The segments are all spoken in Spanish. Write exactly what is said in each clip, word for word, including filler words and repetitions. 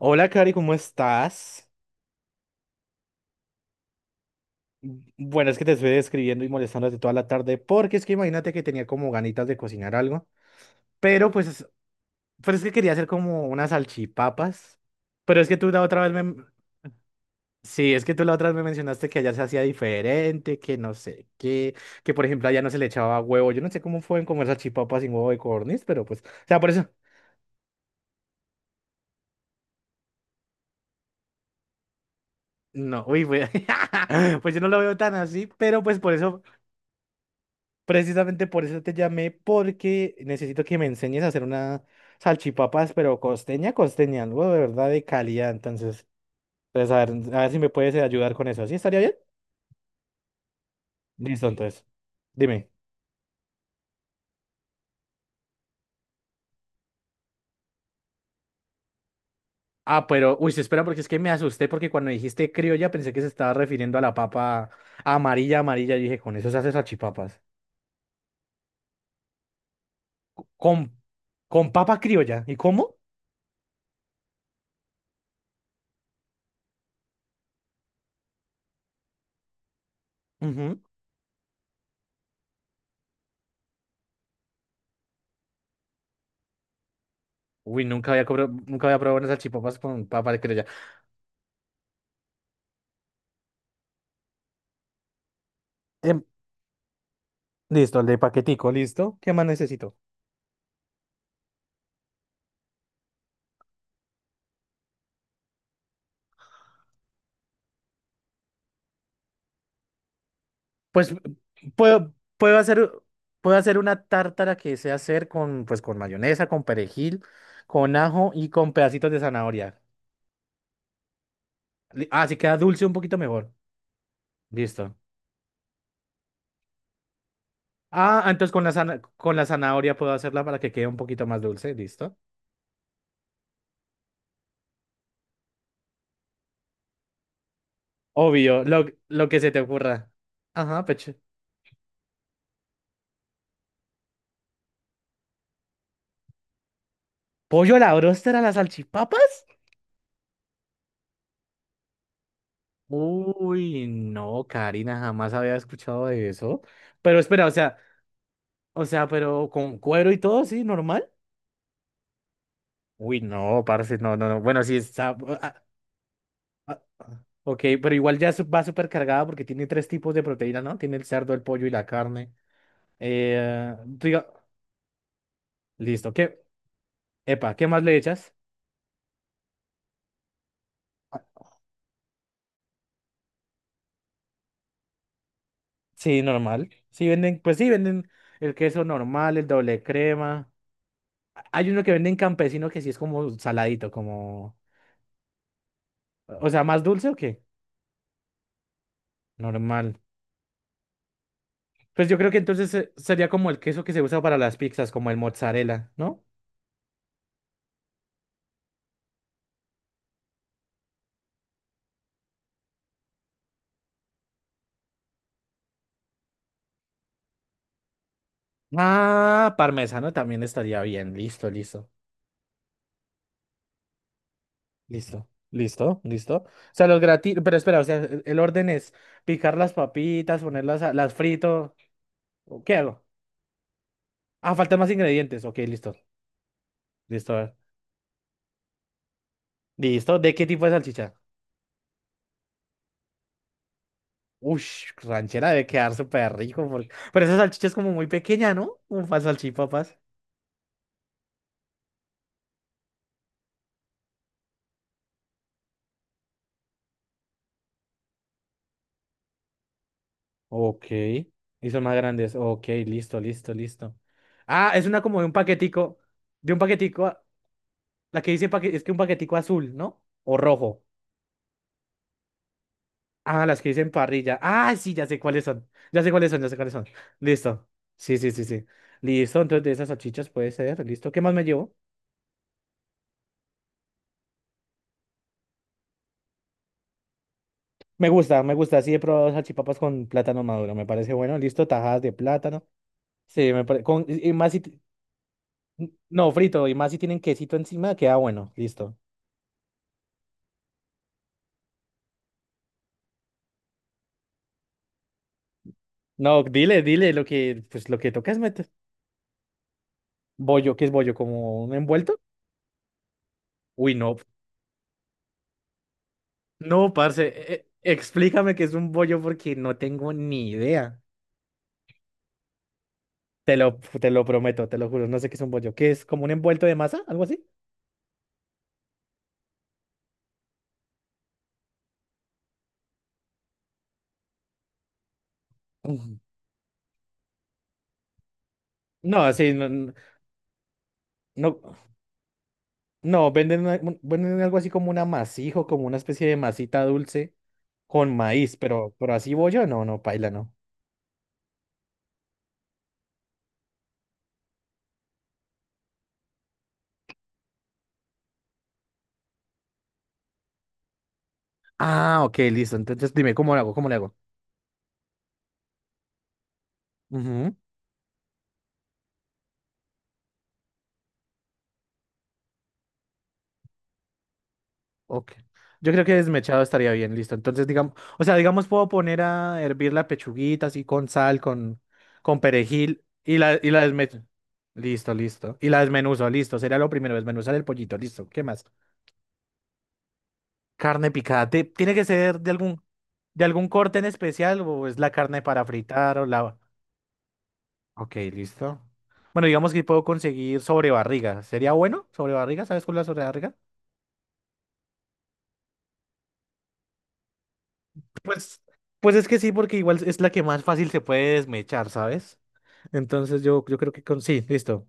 Hola, Cari, ¿cómo estás? Bueno, es que te estoy escribiendo y molestando desde toda la tarde porque es que imagínate que tenía como ganitas de cocinar algo, pero pues, es- pero es que quería hacer como unas salchipapas, pero es que tú la otra vez me... Sí, es que tú la otra vez me mencionaste que allá se hacía diferente, que no sé qué, que por ejemplo allá no se le echaba huevo. Yo no sé cómo pueden comer salchipapas sin huevo de codorniz, pero pues, o sea, por eso... No, uy, pues, pues yo no lo veo tan así, pero pues por eso... Precisamente por eso te llamé, porque necesito que me enseñes a hacer una salchipapas, pero costeña, costeña, algo de verdad de calidad. Entonces, entonces a ver, a ver si me puedes eh, ayudar con eso. ¿Sí estaría bien? Listo, entonces. Dime. Ah, pero, uy, sí, espera, porque es que me asusté, porque cuando dijiste criolla pensé que se estaba refiriendo a la papa amarilla, amarilla. Y dije, con eso se hace salchipapas. Co- Con, con papa criolla. ¿Y cómo? Ujú. Uy, nunca había, cobro- nunca había probado unas salchipapas con papa criolla. Listo, el de paquetico, listo. ¿Qué más necesito? Pues puedo, puedo hacer, puedo hacer una tártara que sé hacer con, pues, con mayonesa, con perejil, con ajo y con pedacitos de zanahoria. Li- Ah, si queda dulce un poquito mejor. Listo. Ah, ah, entonces con la, zana- con la zanahoria puedo hacerla para que quede un poquito más dulce. Listo. Obvio, lo, lo que se te ocurra. Ajá, pecho. ¿Pollo a la bróster a las salchipapas? Uy, no, Karina, jamás había escuchado de eso. Pero espera, o sea. O sea, pero con cuero y todo, sí, normal. Uy, no, parce, no, no, no. Bueno, sí está. Ah, ah, ah. Ok, pero igual ya su- va súper cargada porque tiene tres tipos de proteína, ¿no? Tiene el cerdo, el pollo y la carne. Eh, diga- listo. ¿Qué? Epa, ¿qué más le echas? Ah, sí, normal. Sí, venden, pues sí, venden el queso normal, el doble crema. Hay uno que venden campesino que sí es como saladito, como. O sea, ¿más dulce o qué? Normal. Pues yo creo que entonces eh, sería como el queso que se usa para las pizzas, como el mozzarella, ¿no? Ah, parmesano también estaría bien. Listo, listo, listo, listo, listo. O sea, los gratis, pero espera, o sea, el el orden es picar las papitas, ponerlas, a- las frito. ¿O ¿Qué hago? Ah, faltan más ingredientes. Ok, listo, listo, a ver. Listo. ¿De qué tipo de salchicha? Ush, ranchera debe quedar súper rico. porque- Pero esa salchicha es como muy pequeña, ¿no? Un para salchipapas. Ok. Y son más grandes. Ok, listo, listo, listo. Ah, es una como de un paquetico. De un paquetico. a- La que dice paque- es que un paquetico azul, ¿no? O rojo. Ah, las que dicen parrilla. Ah, sí, ya sé cuáles son. Ya sé cuáles son, ya sé cuáles son. Listo. Sí, sí, sí, sí. Listo, entonces de esas salchichas puede ser. Listo. ¿Qué más me llevo? Me gusta, me gusta. Sí, he probado salchipapas con plátano maduro. Me parece bueno. Listo, tajadas de plátano. Sí, me parece. Con... Y y más si. t- No, frito. Y más si tienen quesito encima, queda bueno. Listo. No, dile, dile lo que, pues lo que toca es meter. Bollo, ¿qué es bollo? ¿Como un envuelto? Uy, no. No, parce, e- e- explícame qué es un bollo porque no tengo ni idea. Te lo, te lo prometo, te lo juro, no sé qué es un bollo. ¿Qué es como un envuelto de masa? ¿Algo así? Ujú. No, sí, no, no, no, no, venden, una- un- venden algo así como un amasijo, como una especie de masita dulce con maíz, pero, pero así bollo, no, no, paila, no. Ah, ok, listo. Entonces dime, ¿cómo lo hago? ¿Cómo le hago? Ok. Yo creo que desmechado estaría bien, listo. Entonces, digamos, o sea, digamos, puedo poner a hervir la pechuguita así con sal, con, con perejil y la, y la desmecho. Listo, listo. Y la desmenuzo, listo. Sería lo primero, desmenuzar el pollito, listo. ¿Qué más? Carne picada. Te- ¿Tiene que ser de algún, de algún corte en especial o es la carne para fritar o la... Ok, listo. Bueno, digamos que puedo conseguir sobrebarriga. ¿Sería bueno? ¿Sobrebarriga? ¿Sabes cuál es la sobrebarriga? Pues, pues es que sí, porque igual es la que más fácil se puede desmechar, ¿sabes? Entonces yo, yo creo que con... Sí, listo.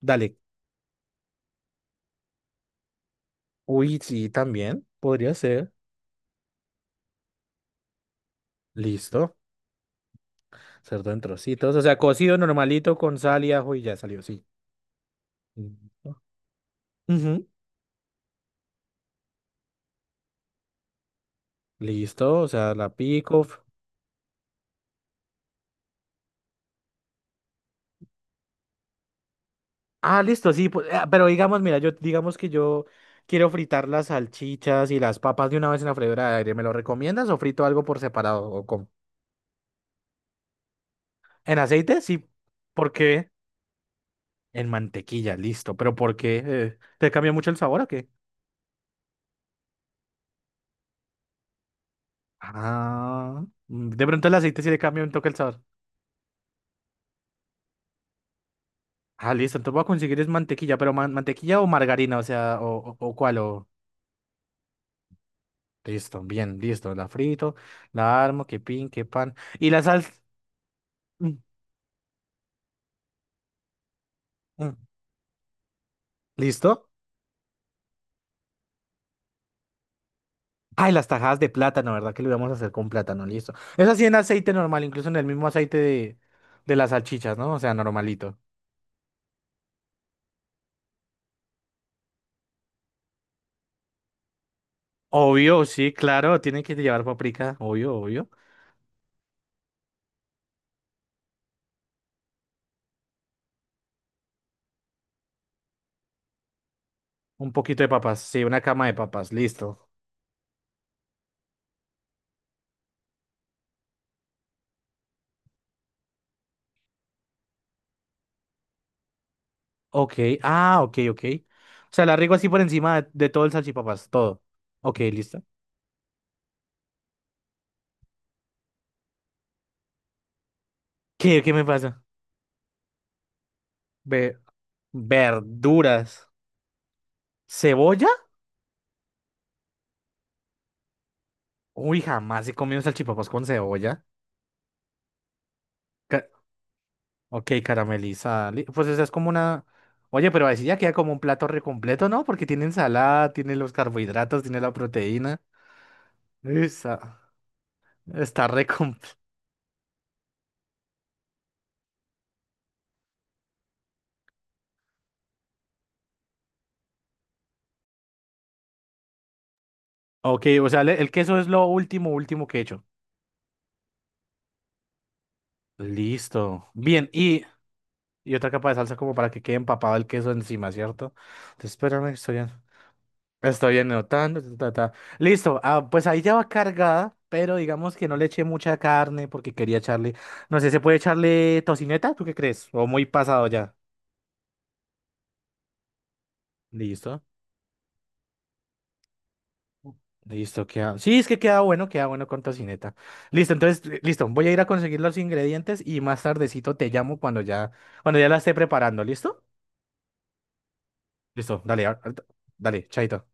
Dale. Uy, sí, también. Podría ser. Listo. Cerdo en trocitos. O sea, cocido normalito con sal y ajo y ya salió, sí. Listo. Ujú. Listo. O sea, la pico. F- Ah, listo, sí. pues, ah, pero digamos, mira, yo digamos que yo quiero fritar las salchichas y las papas de una vez en la freidora de aire. ¿Me lo recomiendas o frito algo por separado? ¿O cómo? ¿En aceite? Sí. ¿Por qué? En mantequilla, listo. ¿Pero por qué? Eh, ¿te cambia mucho el sabor o qué? Ah, mm, de pronto el aceite sí le cambia un toque el sabor. Ah, listo, entonces voy a conseguir es mantequilla, pero man- mantequilla o margarina, o sea, o, o, o cuál, o... Listo, bien, listo, la frito, la armo, que pin, que pan. Y la salsa... mm, mm, ¿Listo? Ay, las tajadas de plátano, ¿verdad? Que lo íbamos a hacer con plátano, listo. Es así en aceite normal, incluso en el mismo aceite de, de las salchichas, ¿no? O sea, normalito. Obvio, sí, claro, tiene que llevar paprika, obvio, obvio. Un poquito de papas, sí, una cama de papas, listo. Ok, ah, ok, ok. O sea, la riego así por encima de, de todo el salchipapas, todo. Ok, listo. ¿Qué, qué me pasa? Ve- verduras. ¿Cebolla? Uy, jamás he comido salchipapas con cebolla. Ca- ok, caramelizada. Li- Pues esa es como una... Oye, pero así ya queda como un plato re completo, ¿no? Porque tiene ensalada, tiene los carbohidratos, tiene la proteína. Esa, está re completo. Ok, o sea, le- el queso es lo último, último que he hecho. Listo. Bien, y... y otra capa de salsa como para que quede empapado el queso encima, ¿cierto? Entonces, espérame, estoy, an- estoy anotando. Ta, ta, ta. Listo, ah, pues ahí ya va cargada, pero digamos que no le eché mucha carne porque quería echarle, no sé, ¿se puede echarle tocineta? ¿Tú qué crees? O muy pasado ya. Listo, listo, queda. Sí, es que queda bueno, queda bueno con tocineta. Listo, entonces, eh, listo, voy a ir a conseguir los ingredientes y más tardecito te llamo cuando ya, cuando ya la esté preparando, ¿listo? Listo, dale, ahor- ahorita- dale, chaito.